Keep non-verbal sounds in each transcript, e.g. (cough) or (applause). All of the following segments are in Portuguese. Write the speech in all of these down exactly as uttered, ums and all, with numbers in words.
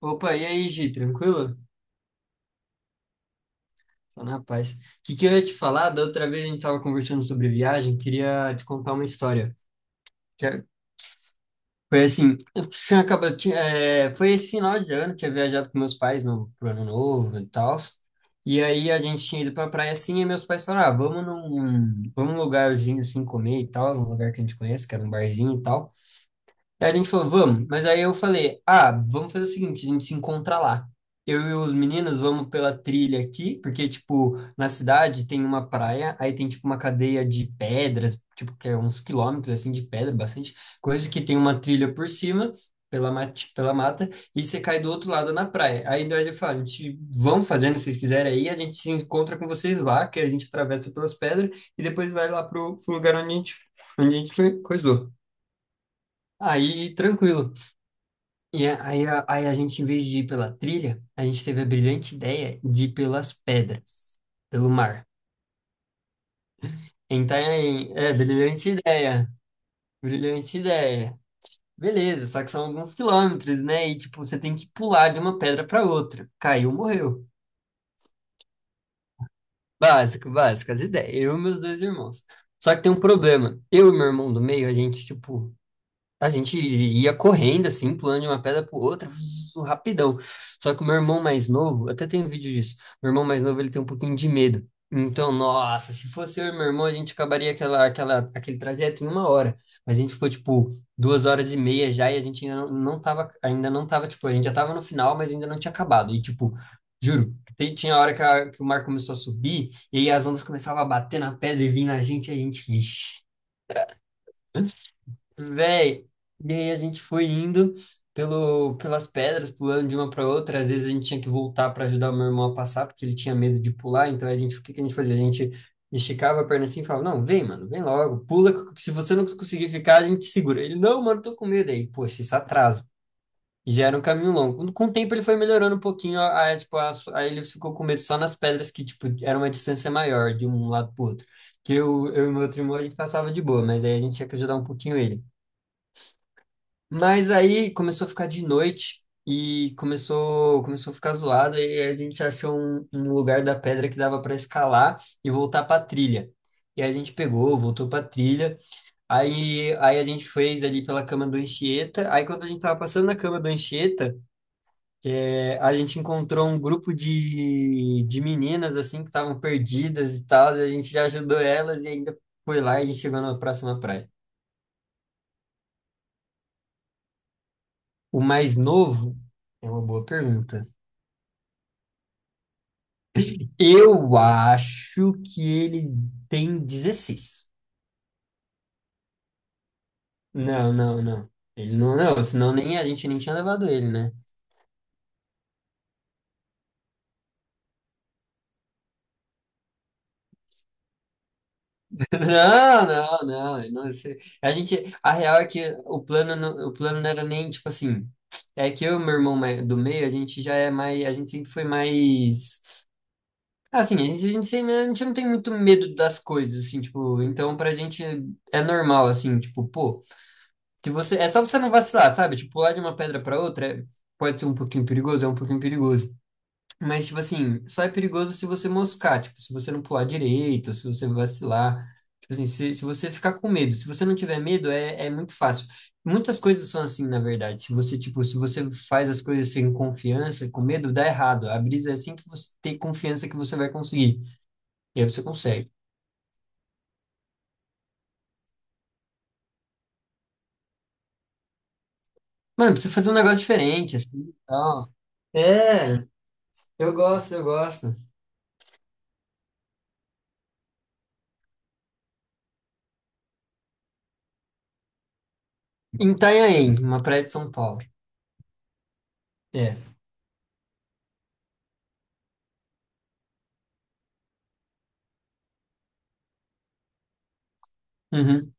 Opa, e aí, Gi, tranquilo? Tô na paz. O que que eu ia te falar? Da outra vez a gente tava conversando sobre viagem, queria te contar uma história. Que é- Foi assim, eu tinha acabado, tinha- é, foi esse final de ano, tinha viajado com meus pais no pro ano novo e tal. E aí a gente tinha ido pra praia assim, e meus pais falaram, ah, vamos num, vamos num lugarzinho assim comer e tal, um lugar que a gente conhece, que era um barzinho e tal. Aí a gente falou, vamos. Mas aí eu falei, ah, vamos fazer o seguinte, a gente se encontra lá. Eu e os meninos vamos pela trilha aqui, porque, tipo, na cidade tem uma praia, aí tem, tipo, uma cadeia de pedras, tipo, que é uns quilômetros, assim, de pedra, bastante coisa, que tem uma trilha por cima, pela, mate, pela mata, e você cai do outro lado na praia. Aí daí ele fala, a gente, vamos fazendo, se vocês quiserem aí, a gente se encontra com vocês lá, que a gente atravessa pelas pedras, e depois vai lá pro, pro lugar onde a gente, onde a gente foi- coisou. Aí, tranquilo. E a- aí, a- aí a gente, em vez de ir pela trilha, a gente teve a brilhante ideia de ir pelas pedras, pelo mar. Então, é, é brilhante ideia, brilhante ideia. Beleza, só que são alguns quilômetros, né? E, tipo, você tem que pular de uma pedra para outra. Caiu, morreu. Básico, básico, as ideias. Eu e meus dois irmãos. Só que tem um problema. Eu e meu irmão do meio, a gente, tipo, a gente ia correndo, assim, pulando de uma pedra pro outra, vzz, rapidão. Só que o meu irmão mais novo, até tem um vídeo disso, meu irmão mais novo, ele tem um pouquinho de medo. Então, nossa, se fosse eu e meu irmão, a gente acabaria aquela, aquela, aquele trajeto em uma hora. Mas a gente ficou, tipo, duas horas e meia já e a gente ainda não, não tava, ainda não tava, tipo, a gente já tava no final, mas ainda não tinha acabado. E, tipo, juro, tem- tinha a hora que, a- que o mar começou a subir e aí as ondas começavam a bater na pedra e vir na gente e a gente, ixi. Véi, e aí a gente foi indo pelo, pelas pedras, pulando de uma para outra. Às vezes a gente tinha que voltar para ajudar o meu irmão a passar, porque ele tinha medo de pular. Então a gente, o que que a gente fazia? A gente esticava a perna assim e falava: Não, vem, mano, vem logo, pula. Que Se você não conseguir ficar, a gente segura. Ele: Não, mano, tô com medo. Aí, poxa, isso atrasa. E já era um caminho longo. Com com o tempo ele foi melhorando um pouquinho, a a, tipo, a- aí ele ficou com medo só nas pedras que, tipo, era uma distância maior de um lado pro outro. Que eu, eu e meu outro irmão a gente passava de boa, mas aí a gente tinha que ajudar um pouquinho ele. Mas aí começou a ficar de noite e começou, começou a ficar zoado e a gente achou um, um lugar da pedra que dava para escalar e voltar para trilha. E a gente pegou, voltou para trilha. Aí, aí a gente fez ali pela cama do Anchieta. Aí quando a gente tava passando na cama do Anchieta, é, a gente encontrou um grupo de, de meninas assim que estavam perdidas e tal. E a gente já ajudou elas e ainda foi lá e a gente chegou na próxima praia. O mais novo é uma boa pergunta. Eu acho que ele tem dezesseis. Não, não, não. Ele não, não, senão nem a gente nem tinha levado ele, né? (laughs) Não, não, não. ele não- esse- a gente, a real é que o plano, não- o plano não era nem tipo assim. É que eu e meu irmão mai- do meio, a gente já é mais, a gente sempre foi mais assim, a gente, a gente, sempre- a gente não tem muito medo das coisas, assim, tipo, então pra gente é normal, assim, tipo, pô. Se você, é só você não vacilar, sabe? Tipo, pular de uma pedra para outra é- pode ser um pouquinho perigoso, é um pouquinho perigoso. Mas, tipo assim, só é perigoso se você moscar, tipo, se você não pular direito, se você vacilar. Tipo assim, se, se você ficar com medo. Se você não tiver medo, é, é muito fácil. Muitas coisas são assim, na verdade. Se você, tipo, se você faz as coisas sem confiança, com medo, dá errado. A brisa é assim que você tem confiança que você vai conseguir. E aí você consegue. Mano, precisa fazer um negócio diferente, assim, e tal. É, eu gosto, eu gosto. Em Itanhaém, uma praia de São Paulo. É. Uhum,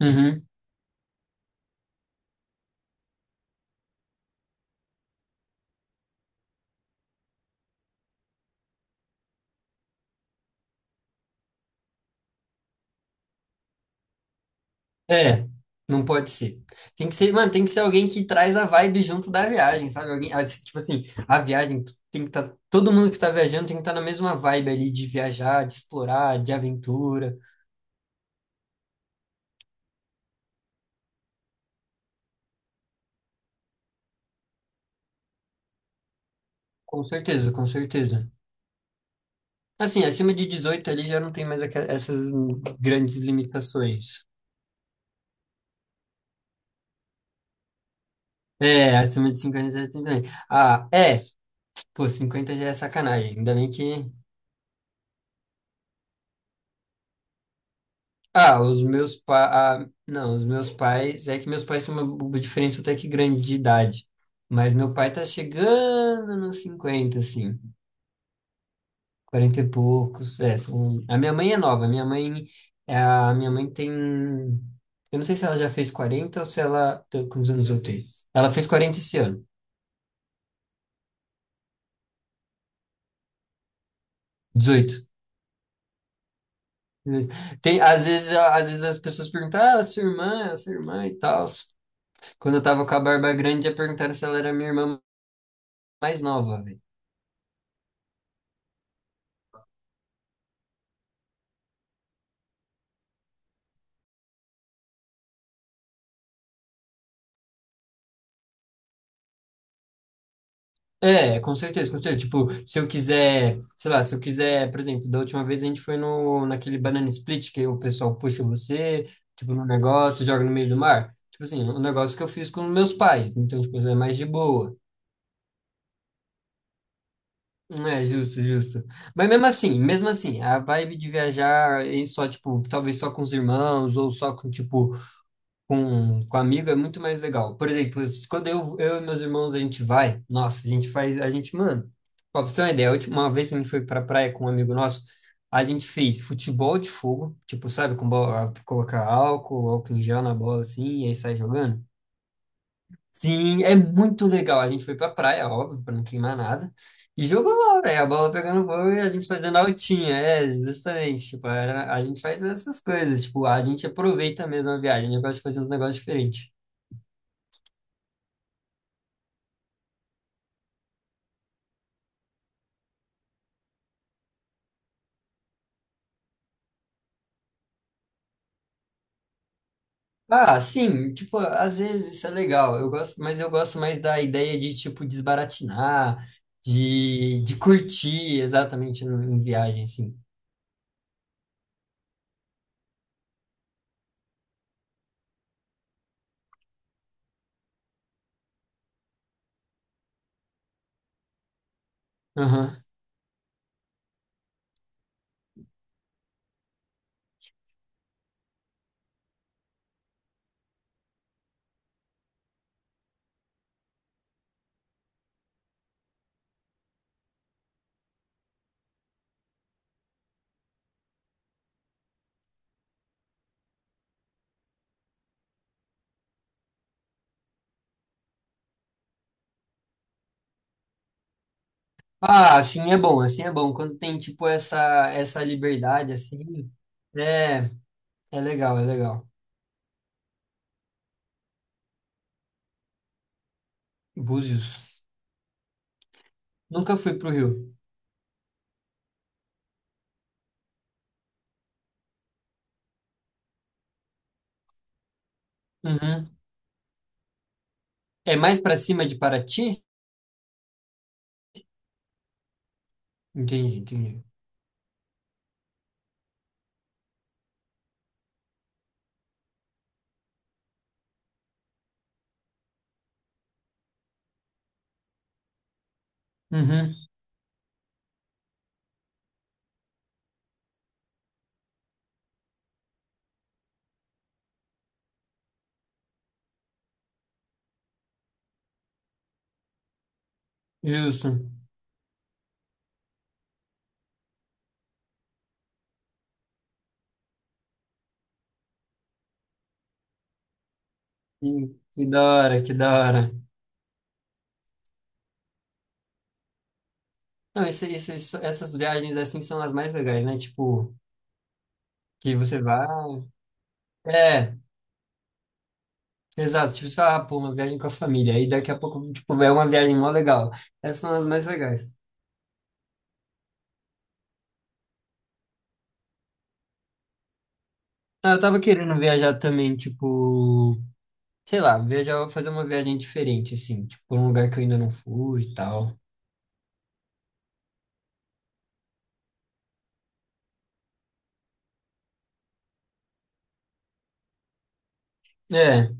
uhum. É, não pode ser. Tem que ser, mano, tem que ser alguém que traz a vibe junto da viagem, sabe? Alguém, ah, se- tipo assim, a viagem tu tem que estar, todo mundo que tá viajando tem que estar na mesma vibe ali de viajar, de explorar, de aventura. Com certeza, com certeza. Assim, acima de dezoito ali já não tem mais aqua- essas grandes limitações. É, acima de cinquenta já tem também. Ah, é, pô, cinquenta já é sacanagem. Ainda bem que... Ah, os meus pais. Ah, não, os meus pais. É que meus pais têm uma bu- diferença até que grande de idade. Mas meu pai tá chegando nos cinquenta, assim. Quarenta e poucos. É, são... A minha mãe é nova. A minha mãe. é A a minha mãe tem. Eu não sei se ela já fez quarenta ou se ela... Quantos anos eu tenho? Ela fez quarenta esse ano. Dezoito. 18. Tem, às vezes, às vezes as pessoas perguntam, ah, a sua irmã, a sua irmã e tal. Quando eu tava com a barba grande, já perguntaram se ela era minha irmã mais nova. É, com certeza, com certeza. Tipo, se eu quiser, sei lá, se eu quiser, por exemplo, da última vez a gente foi no, naquele banana split que o pessoal puxa você, tipo, no negócio, joga no meio do mar. Tipo assim, um negócio que eu fiz com meus pais. Então, tipo, é mais de boa. É, justo, justo. Mas mesmo assim, mesmo assim, a vibe de viajar em só, tipo, talvez só com os irmãos ou só com, tipo, com, com amigo é muito mais legal. Por exemplo, s- quando eu, eu e meus irmãos a gente vai, nossa, a gente faz, a gente, mano, pra você ter uma ideia, a última vez que a gente foi pra praia com um amigo nosso, a gente fez futebol de fogo, tipo, sabe, com bola, colocar álcool, álcool em gel na bola assim, e aí sai jogando. Sim, é muito legal. A gente foi pra praia, óbvio, pra não queimar nada. E jogou bola, velho. A bola pegando fogo e a gente fazendo altinha, é, justamente. Tipo, era- a gente faz essas coisas, tipo, a gente aproveita mesmo a viagem, a gente gosta de fazer uns negócios diferentes. Ah, sim, tipo, às vezes isso é legal. Eu gosto, mas eu gosto mais da ideia de tipo desbaratinar, de, de curtir exatamente no- em viagem assim. Aham. Ah, assim é bom, assim é bom. Quando tem tipo essa essa liberdade assim, é é legal, é legal. Búzios. Nunca fui pro Rio. Uhum. É mais pra cima de Paraty? Entendi, entendi. Uhum. Justo. Hum, Que da hora, que da hora. Não, esse, esse- isso- essas viagens assim são as mais legais, né? Tipo, que você vai. É, exato. Tipo, você fala, ah, pô, uma viagem com a família. Aí daqui a pouco, tipo, é uma viagem mó legal. Essas são as mais legais. Ah, eu tava querendo viajar também, tipo, sei lá, viajar, fazer uma viagem diferente, assim, tipo, um lugar que eu ainda não fui e tal. É.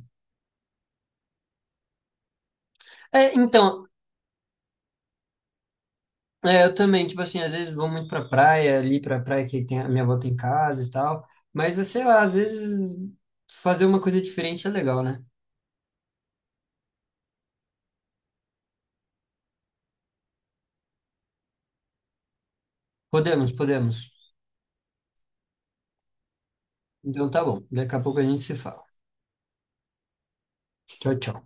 É, então, é, eu também, tipo assim, às vezes vou muito pra praia, ali pra praia que tem a minha avó tem casa e tal. Mas, sei lá, às vezes fazer uma coisa diferente é legal, né? Podemos, podemos. Então tá bom. Daqui a pouco a gente se fala. Tchau, tchau.